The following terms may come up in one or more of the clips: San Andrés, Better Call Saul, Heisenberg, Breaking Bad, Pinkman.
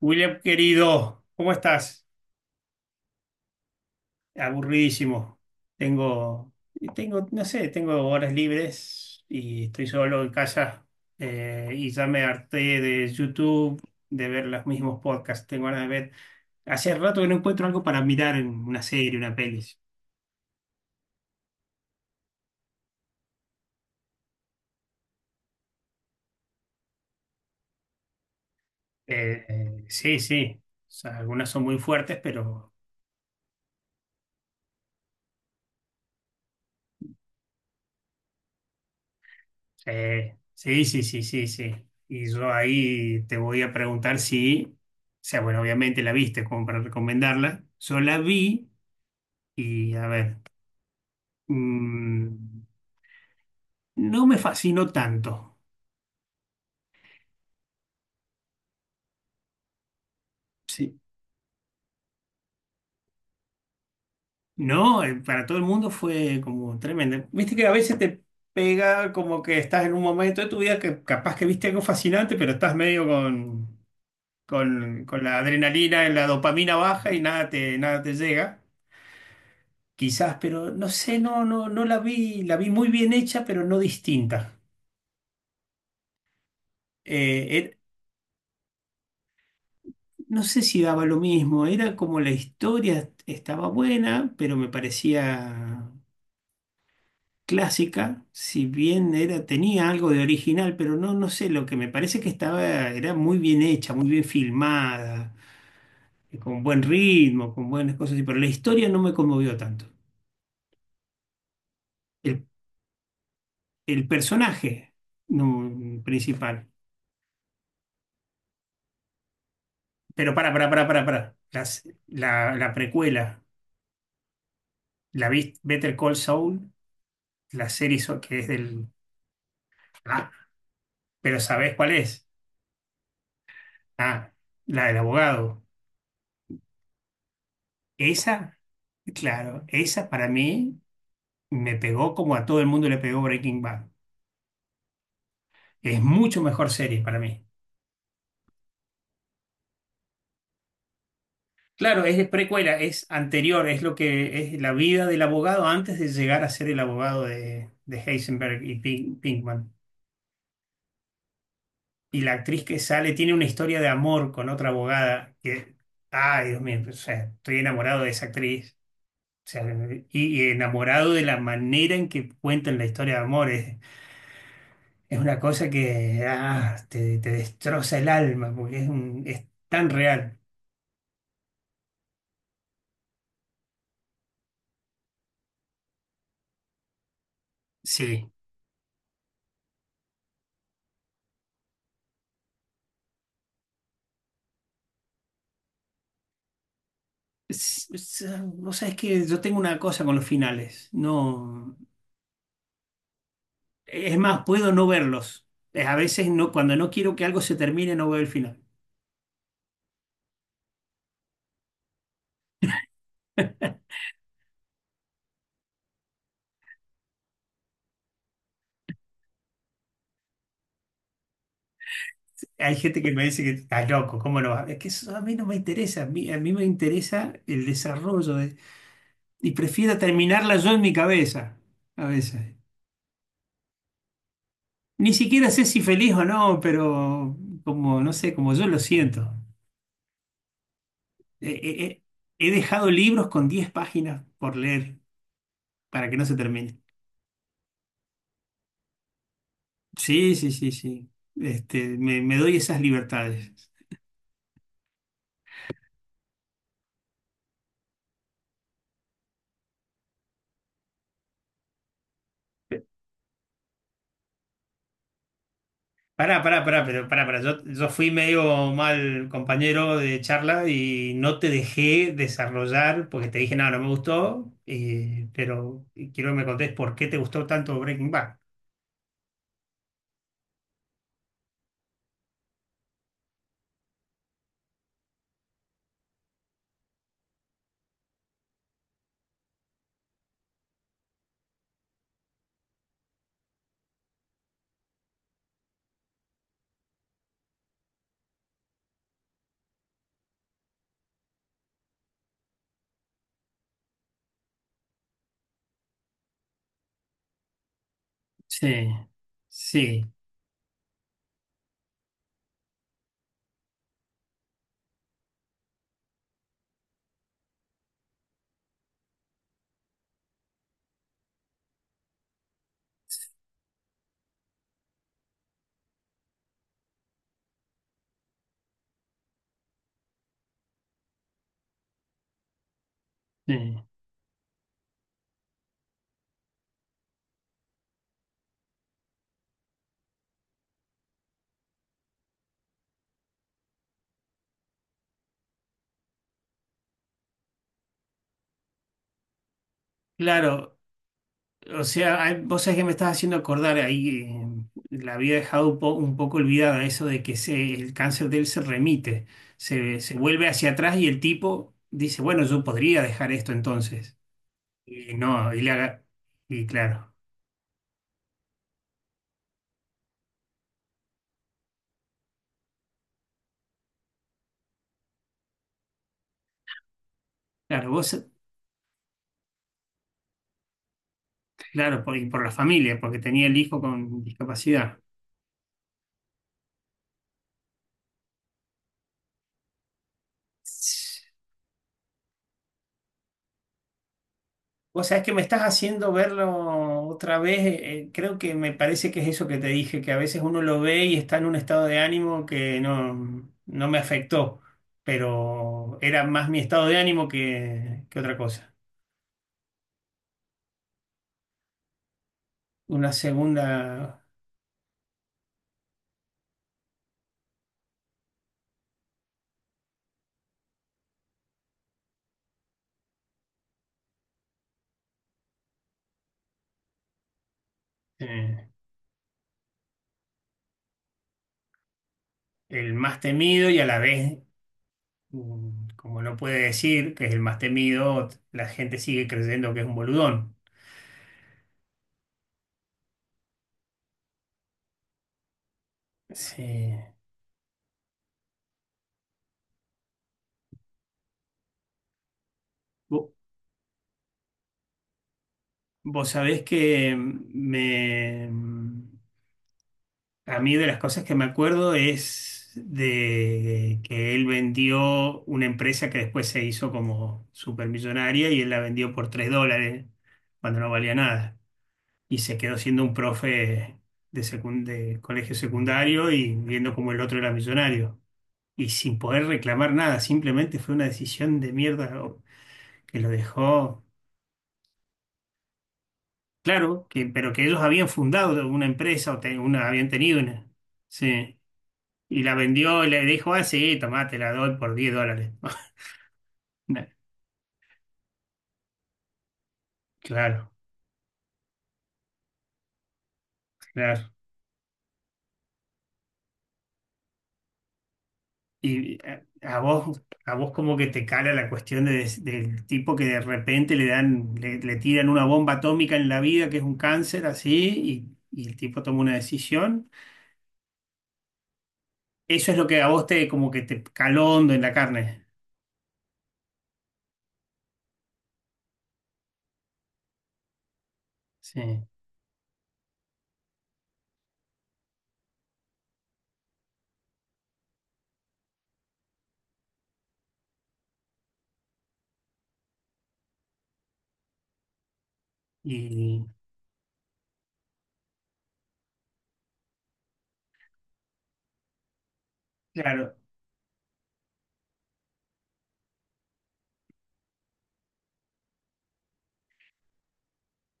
William, querido, ¿cómo estás? Aburridísimo. Tengo, tengo, no sé, tengo horas libres y estoy solo en casa y ya me harté de YouTube, de ver los mismos podcasts. Tengo ganas de ver. Hace rato que no encuentro algo para mirar en una serie, una peli. Sí, sí. O sea, algunas son muy fuertes, pero sí, sí, sí, sí, sí. Y yo ahí te voy a preguntar si, o sea, bueno, obviamente la viste como para recomendarla. Yo la vi y, a ver, mm, no me fascinó tanto. Sí. No, para todo el mundo fue como tremendo. Viste que a veces te pega como que estás en un momento de tu vida que capaz que viste algo fascinante, pero estás medio con la adrenalina, la dopamina baja y nada te, nada te llega. Quizás, pero no sé, no, no, no la vi, la vi muy bien hecha, pero no distinta. Eh, er- no sé si daba lo mismo, era como la historia estaba buena, pero me parecía clásica, si bien era, tenía algo de original, pero no, no sé, lo que me parece que estaba, era muy bien hecha, muy bien filmada, con buen ritmo, con buenas cosas, pero la historia no me conmovió tanto. El, el personaje no, principal. Pero para. La precuela, la viste Better Call Saul, la serie que es del... Ah, pero ¿sabés cuál es? Ah, la del abogado. Esa, claro, esa para mí me pegó como a todo el mundo le pegó Breaking Bad. Es mucho mejor serie para mí. Claro, es de precuela, es anterior, es lo que es la vida del abogado antes de llegar a ser el abogado de Heisenberg y Pinkman. Y la actriz que sale tiene una historia de amor con otra abogada que, ay, Dios mío, o sea, estoy enamorado de esa actriz. O sea, y enamorado de la manera en que cuentan la historia de amor. Es una cosa que te, te destroza el alma porque es, es tan real. Sí. Es- es- Vos sabés que yo tengo una cosa con los finales. No, es más, puedo no verlos. A veces no, cuando no quiero que algo se termine, no veo el final. Hay gente que me dice que está loco, ¿cómo no va? Es que eso a mí no me interesa, a mí me interesa el desarrollo y prefiero terminarla yo en mi cabeza, a veces. Ni siquiera sé si feliz o no, pero como, no sé, como yo lo siento. Eh, eh, eh, he dejado libros con 10 páginas por leer para que no se termine. Sí, sí, sí, sí. Este, me doy esas libertades. Pará. Yo fui medio mal compañero de charla y no te dejé desarrollar porque te dije, no, no me gustó, pero quiero que me contés por qué te gustó tanto Breaking Bad. Sí, sí, sí. Claro, o sea, hay- vos sabés que me estás haciendo acordar ahí, la había dejado un un poco olvidada eso de que se, el cáncer de él se remite, se vuelve hacia atrás y el tipo dice, bueno, yo podría dejar esto entonces. Y no, y, le y claro, claro, vos, claro, por, y por la familia, porque tenía el hijo con discapacidad. Vos sabés que me estás haciendo verlo otra vez, creo que me parece que es eso que te dije, que a veces uno lo ve y está en un estado de ánimo que no, no me afectó, pero era más mi estado de ánimo que otra cosa. Una segunda, eh, el más temido y a la vez Mm, como no puede decir que es el más temido, la gente sigue creyendo que es un boludón. Sí. Vo- Vos sabés que a mí de las cosas que me acuerdo es de que él vendió una empresa que después se hizo como supermillonaria y él la vendió por $3 cuando no valía nada. Y se quedó siendo un profe de colegio secundario y viendo como el otro era millonario. Y sin poder reclamar nada, simplemente fue una decisión de mierda que lo dejó, claro, que, pero que ellos habían fundado una empresa habían tenido una, sí, y la vendió y le dijo, ah, sí, tomá, te la doy por $10. No, claro, claro. Y a vos como que te cala la cuestión de del tipo que de repente le dan, le tiran una bomba atómica en la vida, que es un cáncer así, y el tipo toma una decisión. Eso es lo que a vos te como que te caló hondo en la carne. Sí. Y claro,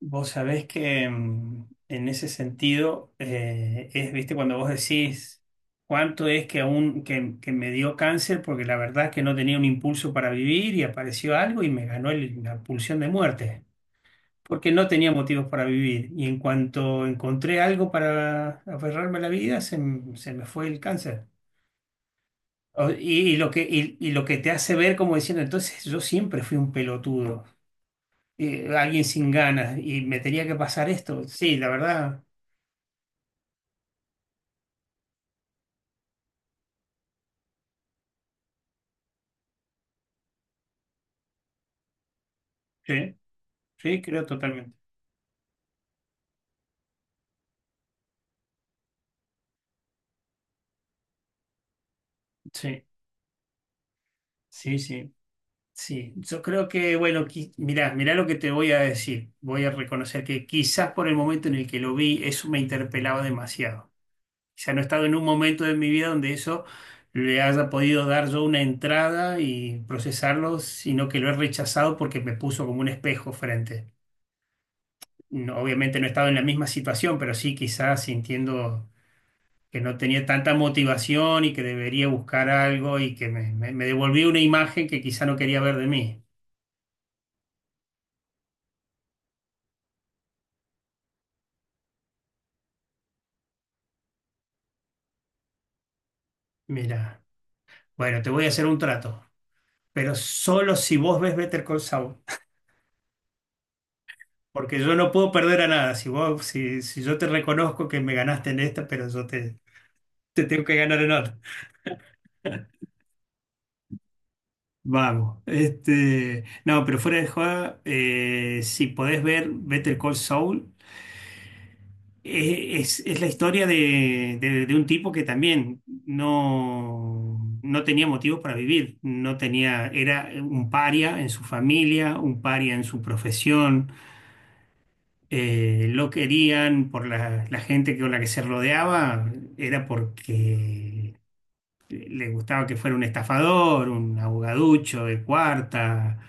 vos sabés que en ese sentido es, viste, cuando vos decís cuánto es que aún que me dio cáncer porque la verdad es que no tenía un impulso para vivir y apareció algo y me ganó la pulsión de muerte. Porque no tenía motivos para vivir. Y en cuanto encontré algo para aferrarme a la vida, se me fue el cáncer. Y lo que, y lo que te hace ver como diciendo, entonces yo siempre fui un pelotudo, alguien sin ganas, y me tenía que pasar esto. Sí, la verdad, sí, sí, creo totalmente. Sí, sí, sí, sí. Yo creo que, bueno, mirá, mirá lo que te voy a decir. Voy a reconocer que quizás por el momento en el que lo vi, eso me interpelaba demasiado. Ya no he estado en un momento de mi vida donde eso le haya podido dar yo una entrada y procesarlo, sino que lo he rechazado porque me puso como un espejo frente. No, obviamente no he estado en la misma situación, pero sí quizás sintiendo que no tenía tanta motivación y que debería buscar algo y que me devolvió una imagen que quizá no quería ver de mí. Mira, bueno, te voy a hacer un trato, pero solo si vos ves Better Call Saul. Porque yo no puedo perder a nada. Si vos, si, si yo te reconozco que me ganaste en esta, pero te tengo que ganar en otra. Vamos. Este, no, pero fuera de joda, si podés ver Better Call Saul, es la historia de, de un tipo que también no, no tenía motivos para vivir. No tenía, era un paria en su familia, un paria en su profesión lo querían por la gente con la que se rodeaba, era porque le gustaba que fuera un estafador, un abogaducho de cuarta,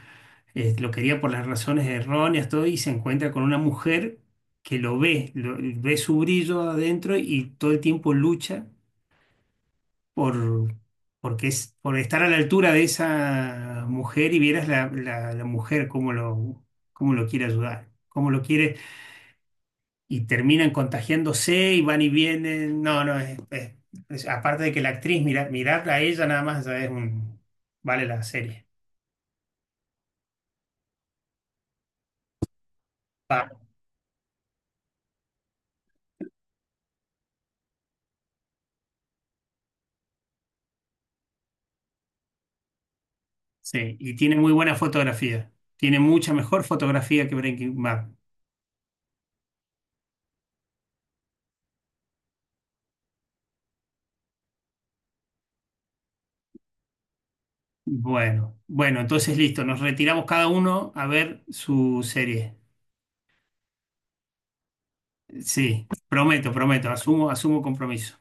lo quería por las razones erróneas, todo, y se encuentra con una mujer que lo ve, ve su brillo adentro y todo el tiempo lucha por... Porque es por estar a la altura de esa mujer y vieras la mujer cómo lo quiere ayudar, cómo lo quiere y terminan contagiándose y van y vienen. No, no, es, aparte de que la actriz, mira, mirarla a ella nada más ya es un, vale la serie. Va. Sí, y tiene muy buena fotografía. Tiene mucha mejor fotografía que Breaking Bad. Bueno, bueno, entonces listo, nos retiramos cada uno a ver su serie. Sí, prometo, prometo, asumo, asumo compromiso.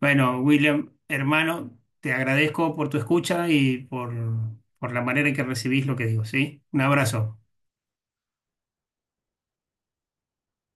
Bueno, William, hermano, te agradezco por tu escucha y por la manera en que recibís lo que digo, ¿sí? Un abrazo.